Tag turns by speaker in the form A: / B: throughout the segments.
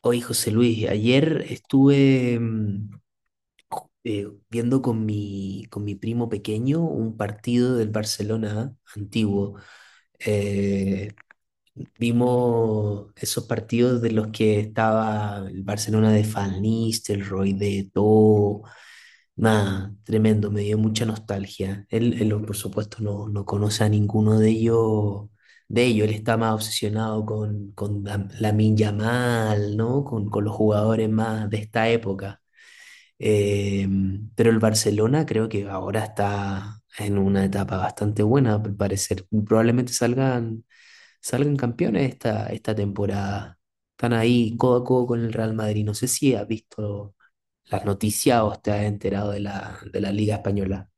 A: Oye, José Luis, ayer estuve viendo con con mi primo pequeño un partido del Barcelona antiguo. Eh, Vimos esos partidos de los que estaba el Barcelona de Van Nistelrooy, de Eto'o. Nada, tremendo, me dio mucha nostalgia. Él, por supuesto, no conoce a ninguno de ellos, de ellos. Él está más obsesionado con Lamine Yamal, ¿no? Con los jugadores más de esta época. Eh, pero el Barcelona creo que ahora está en una etapa bastante buena, al parecer. Probablemente salgan campeones esta temporada. Están ahí codo a codo con el Real Madrid. No sé si has visto las noticias o te has enterado de la Liga Española.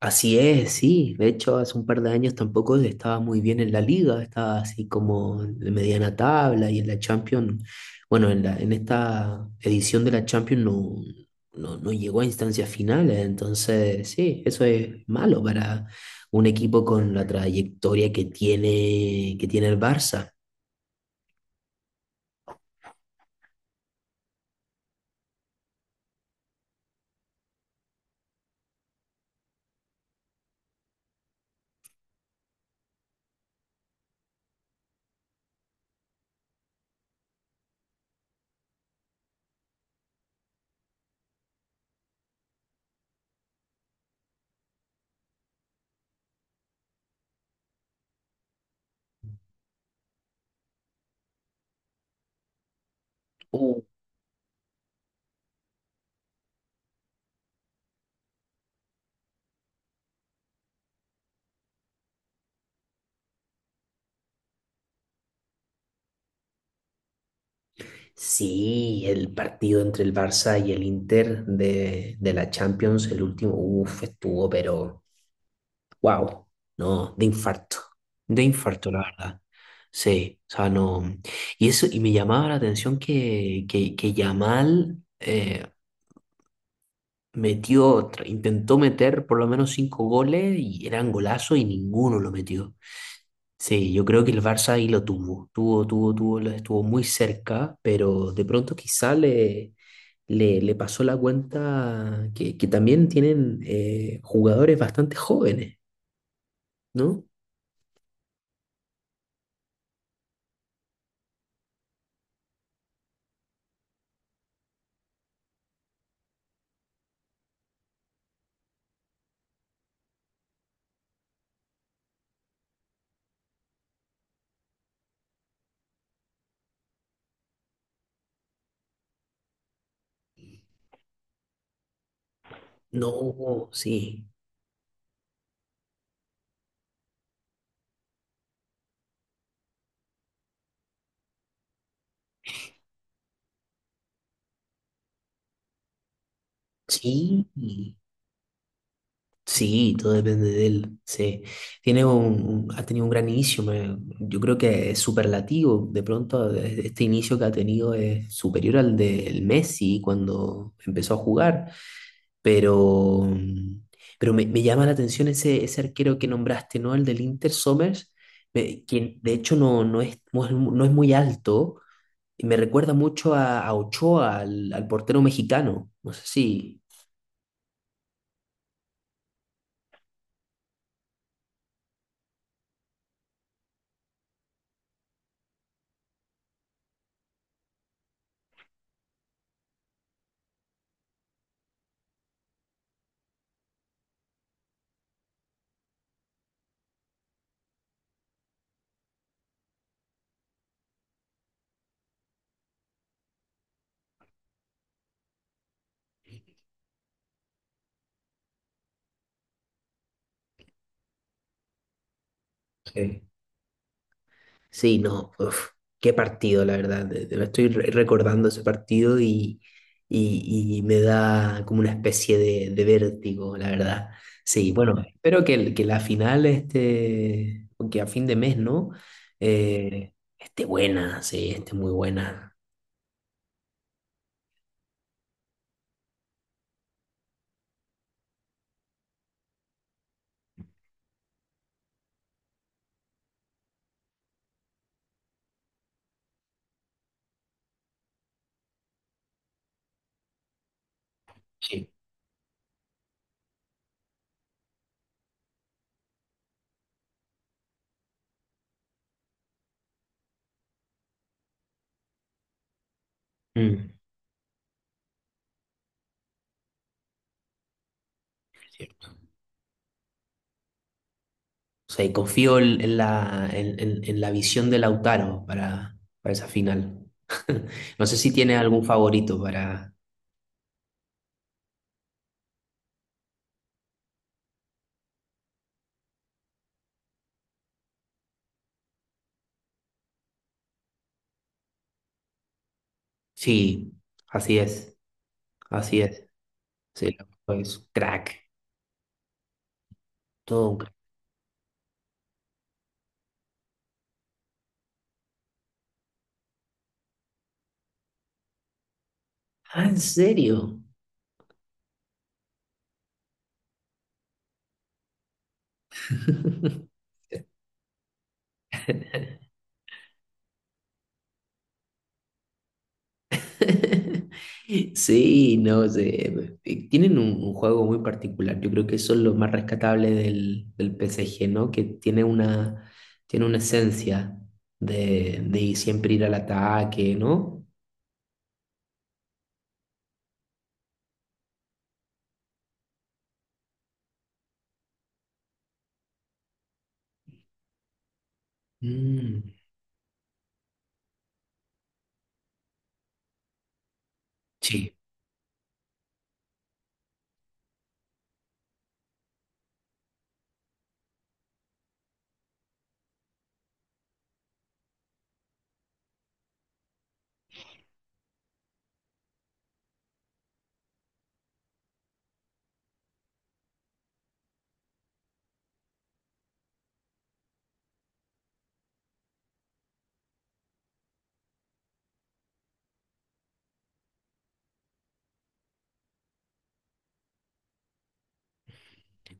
A: Así es, sí. De hecho, hace un par de años tampoco estaba muy bien en la liga, estaba así como de mediana tabla, y en la Champions, bueno, en esta edición de la Champions no llegó a instancias finales, entonces sí, eso es malo para un equipo con la trayectoria que tiene el Barça. Uh, Sí, el partido entre el Barça y el Inter de la Champions, el último, estuvo, pero... Wow, no, de infarto, la verdad. Sí, o sea, no. Y eso, y me llamaba la atención que Yamal intentó meter por lo menos 5 goles y eran golazos, y ninguno lo metió. Sí, yo creo que el Barça ahí lo tuvo, tuvo, tuvo, tuvo, lo estuvo muy cerca, pero de pronto quizá le pasó la cuenta que también tienen jugadores bastante jóvenes, ¿no? No, sí, sí, sí, todo depende de él. Sí. Tiene ha tenido un gran inicio, yo creo que es superlativo. De pronto, este inicio que ha tenido es superior al del Messi cuando empezó a jugar. Pero, pero me llama la atención ese arquero que nombraste, ¿no? El del Inter Somers, me- que de hecho no, no es, no es no es muy alto. Y me recuerda mucho a Ochoa, al portero mexicano. No sé si. Eh, Sí, no, uf, qué partido, la verdad. Estoy recordando ese partido, y me da como una especie de vértigo, la verdad. Sí, bueno, espero que, que la final, este, que a fin de mes, ¿no? Eh, esté buena, sí, esté muy buena. Sí. Mm, es cierto. O sea, y confío en, en la visión de Lautaro para esa final. No sé si tiene algún favorito para... Sí, así es, así es. Sí, el loco es un crack, todo un crack. Ah, ¿en serio? Sí, no sé. Tienen un juego muy particular. Yo creo que eso es lo más rescatable del P. S G. ¿no? Que tiene una esencia de siempre ir al ataque, ¿no? Mm, sí,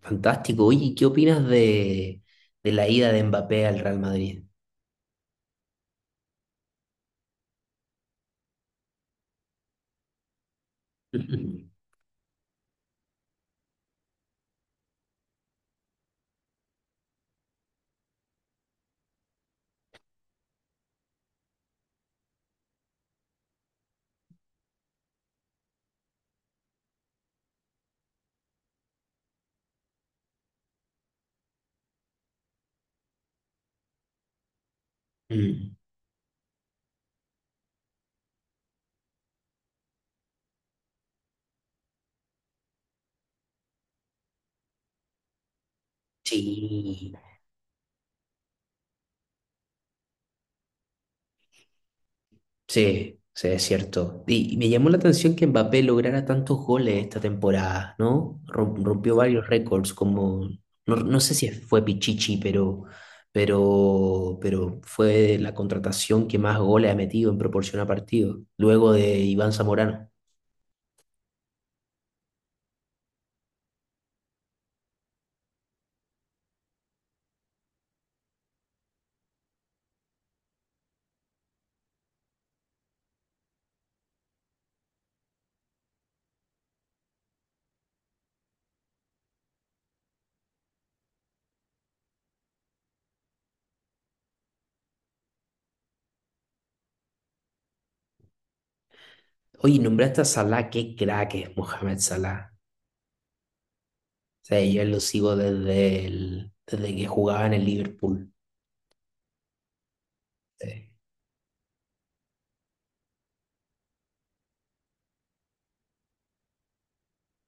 A: fantástico. Oye, ¿qué opinas de la ida de Mbappé al Real Madrid? Mm. Sí, sí, sí, es cierto. Y me llamó la atención que Mbappé lograra tantos goles esta temporada, ¿no? Rompió varios récords, como, no, no sé si fue Pichichi, pero, pero fue la contratación que más goles ha metido en proporción a partido, luego de Iván Zamorano. Oye, nombraste a Salah, qué crack es Mohamed Salah. O sea, yo lo sigo desde, desde que jugaba en el Liverpool. Sí.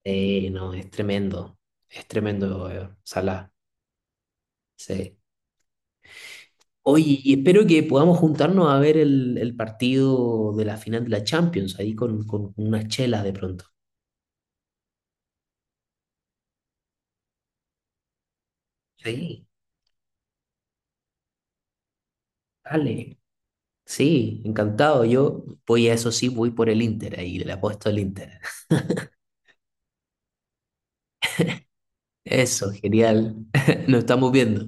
A: Sí, no, es tremendo. Es tremendo, Salah. Sí. Oye, y espero que podamos juntarnos a ver el partido de la final de la Champions, ahí con unas chelas de pronto. Sí, dale. Sí, encantado. Yo voy a eso sí, voy por el Inter ahí, le apuesto al Inter. Eso, genial. Nos estamos viendo.